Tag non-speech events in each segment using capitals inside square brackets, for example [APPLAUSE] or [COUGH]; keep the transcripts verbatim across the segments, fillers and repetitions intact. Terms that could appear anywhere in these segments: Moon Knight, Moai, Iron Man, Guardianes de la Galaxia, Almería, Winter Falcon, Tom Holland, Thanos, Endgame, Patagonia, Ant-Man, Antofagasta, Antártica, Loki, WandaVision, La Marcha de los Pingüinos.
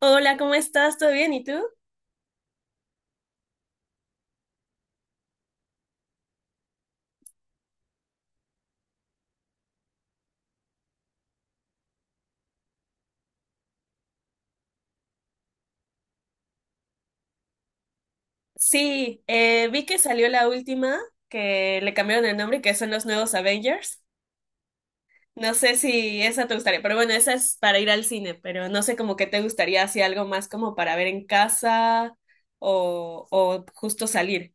Hola, ¿cómo estás? ¿Todo bien? ¿Y tú? Sí, eh, vi que salió la última, que le cambiaron el nombre, que son los nuevos Avengers. No sé si esa te gustaría, pero bueno, esa es para ir al cine, pero no sé como que te gustaría así algo más como para ver en casa o, o justo salir.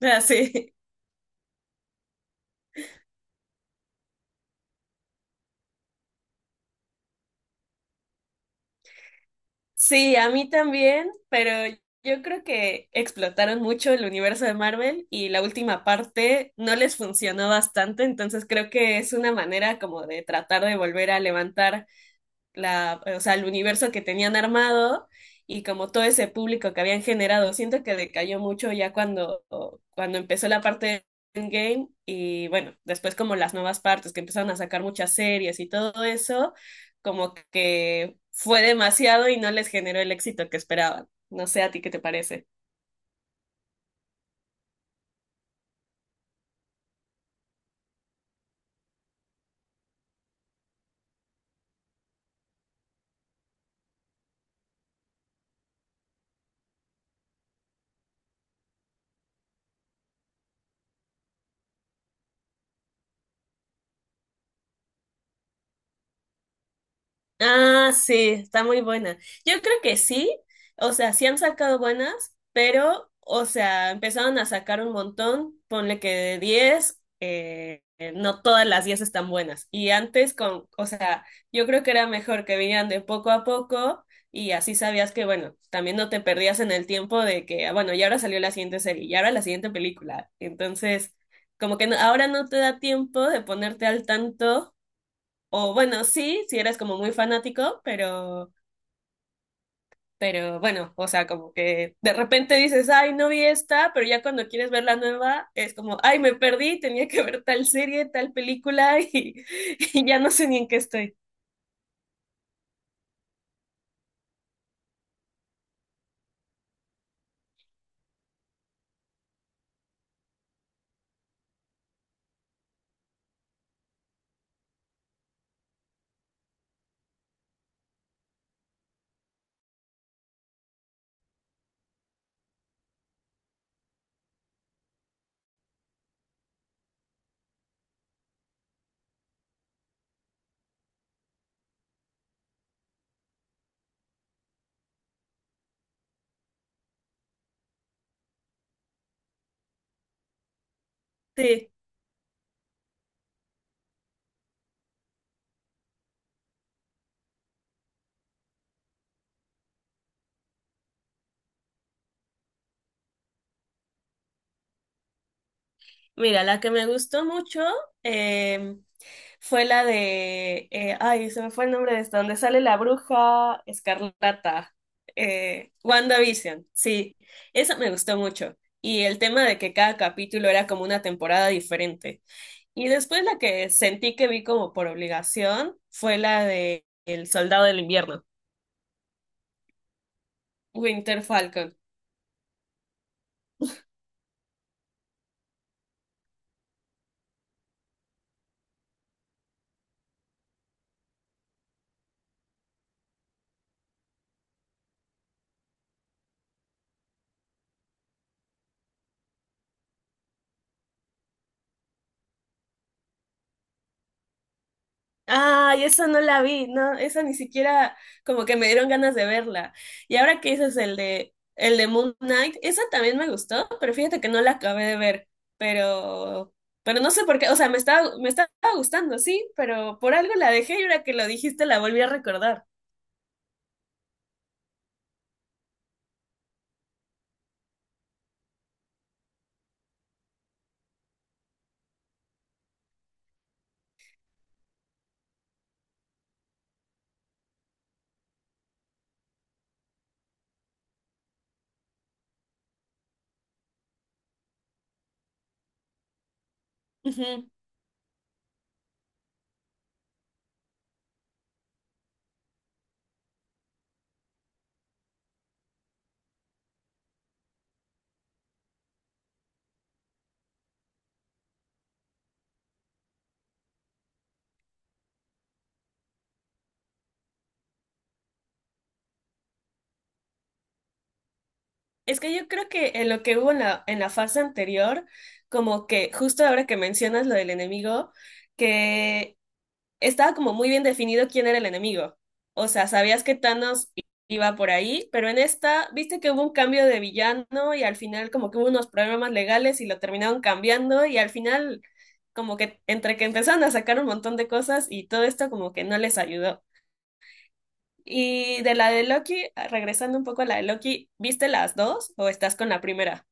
[LAUGHS] Ah, sí. Sí, a mí también, pero yo creo que explotaron mucho el universo de Marvel y la última parte no les funcionó bastante, entonces creo que es una manera como de tratar de volver a levantar la, o sea, el universo que tenían armado y como todo ese público que habían generado. Siento que decayó mucho ya cuando, cuando empezó la parte de Endgame y bueno, después como las nuevas partes que empezaron a sacar muchas series y todo eso, como que fue demasiado y no les generó el éxito que esperaban. No sé a ti qué te parece. Ah, sí, está muy buena. Yo creo que sí, o sea, sí han sacado buenas, pero, o sea, empezaron a sacar un montón, ponle que de diez, eh, eh, no todas las diez están buenas. Y antes con, o sea, yo creo que era mejor que vinieran de poco a poco y así sabías que, bueno, también no te perdías en el tiempo de que, ah, bueno, y ahora salió la siguiente serie, y ahora la siguiente película. Entonces, como que no- ahora no te da tiempo de ponerte al tanto o bueno, sí, si eres como muy fanático, pero, pero bueno, o sea, como que de repente dices, ay, no vi esta, pero ya cuando quieres ver la nueva, es como, ay, me perdí, tenía que ver tal serie, tal película y, [LAUGHS] y ya no sé ni en qué estoy. Sí. Mira, la que me gustó mucho eh, fue la de, eh, ay, se me fue el nombre de esta, donde sale la bruja escarlata, eh, WandaVision, sí, esa me gustó mucho. Y el tema de que cada capítulo era como una temporada diferente. Y después la que sentí que vi como por obligación fue la de El Soldado del Invierno, Winter Falcon. Ay, esa no la vi, no, esa ni siquiera como que me dieron ganas de verla. Y ahora que dices el de el de Moon Knight, esa también me gustó, pero fíjate que no la acabé de ver. Pero, pero no sé por qué, o sea, me estaba, me estaba gustando, sí, pero por algo la dejé y ahora que lo dijiste la volví a recordar. Ujú. Es que yo creo que en lo que hubo en la, en la fase anterior, como que justo ahora que mencionas lo del enemigo, que estaba como muy bien definido quién era el enemigo. O sea, sabías que Thanos i- iba por ahí, pero en esta, viste que hubo un cambio de villano y al final como que hubo unos problemas legales y lo terminaron cambiando y al final como que entre que empezaron a sacar un montón de cosas y todo esto como que no les ayudó. Y de la de Loki, regresando un poco a la de Loki, ¿viste las dos o estás con la primera?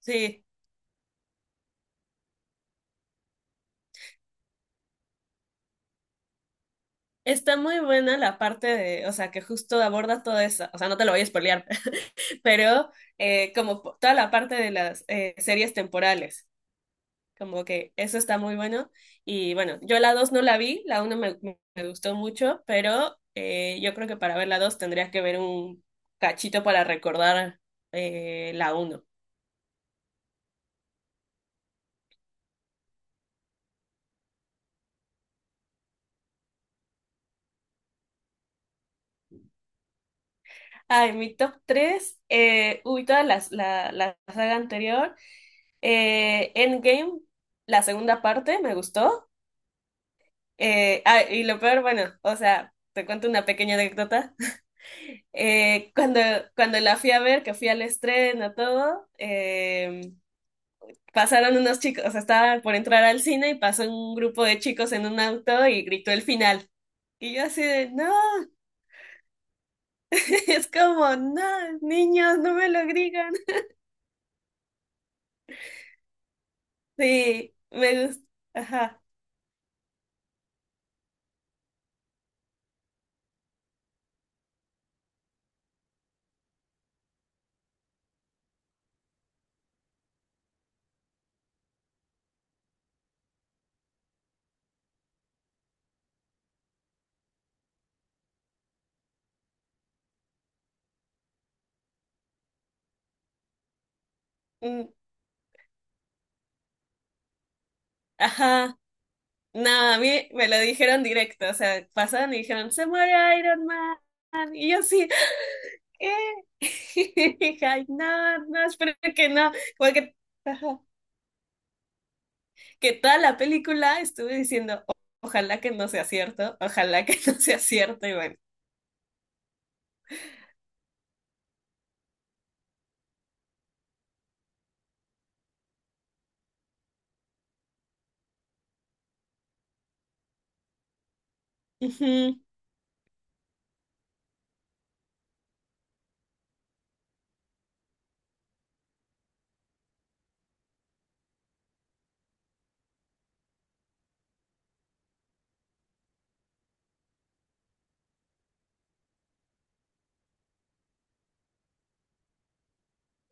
Sí, está muy buena la parte de, o sea, que justo aborda todo eso, o sea, no te lo voy a spoilear, pero eh, como po- toda la parte de las eh, series temporales, como que eso está muy bueno. Y bueno, yo la dos no la vi, la uno me, me- me gustó mucho, pero eh, yo creo que para ver la dos tendrías que ver un cachito para recordar eh, la uno. Ay, mi top tres eh, uy, toda las- la, la saga anterior, eh, Endgame, la segunda parte, me gustó. Eh, ah, y lo peor, bueno, o sea, te cuento una pequeña anécdota. Eh, cuando, cuando la fui a ver, que fui al estreno, todo, eh, pasaron unos chicos, o sea, estaba por entrar al cine y pasó un grupo de chicos en un auto y gritó el final. Y yo así de, no, [LAUGHS] es como, no, niños, no me lo gritan. Sí, me gusta, ajá, mm, ajá. No, a mí me lo dijeron directo, o sea, pasaron y dijeron, se muere Iron Man. Y yo así, ¿qué? [LAUGHS] dije, ay, no, no, espero que no, porque... Ajá. Que toda la película estuve diciendo, "O- ojalá que no sea cierto, ojalá que [LAUGHS] no sea cierto", y bueno. Ujú.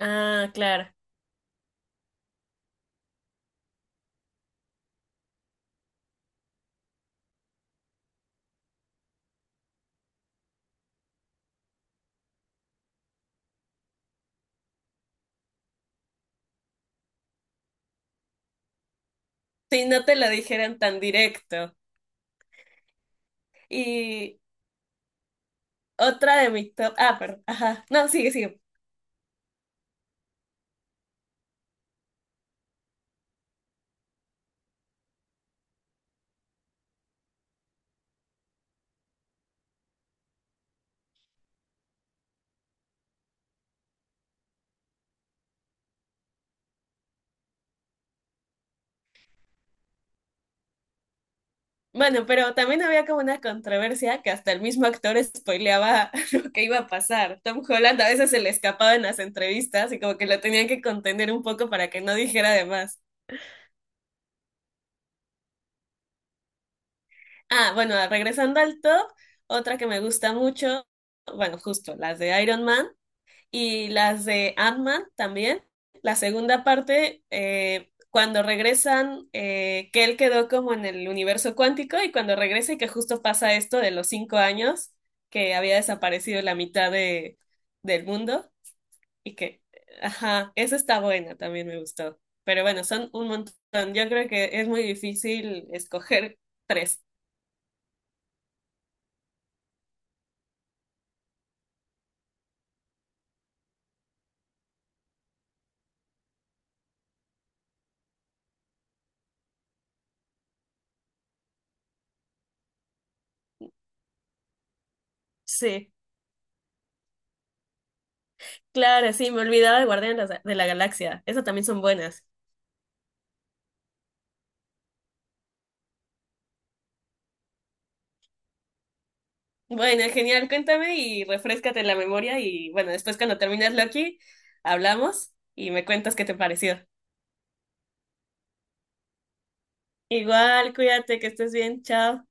Ah, claro. Si no te lo dijeran tan directo. Y otra de mi top. Ah, perdón. Ajá. No, sigue, sigue. Bueno, pero también había como una controversia que hasta el mismo actor spoileaba [LAUGHS] lo que iba a pasar. Tom Holland a veces se le escapaba en las entrevistas y como que lo tenían que contener un poco para que no dijera de más. Ah, bueno, regresando al top, otra que me gusta mucho, bueno, justo las de Iron Man y las de Ant-Man también. La segunda parte, eh, cuando regresan, eh, que él quedó como en el universo cuántico y cuando regresa y que justo pasa esto de los cinco años, que había desaparecido la mitad de, del mundo y que, ajá, esa está buena, también me gustó. Pero bueno, son un montón. Yo creo que es muy difícil escoger tres. Sí. Claro, sí, me olvidaba de Guardianes de la Galaxia. Esas también son buenas. Bueno, genial, cuéntame y refréscate la memoria y bueno, después cuando termines Loki, hablamos y me cuentas qué te pareció. Igual, cuídate, que estés bien, chao.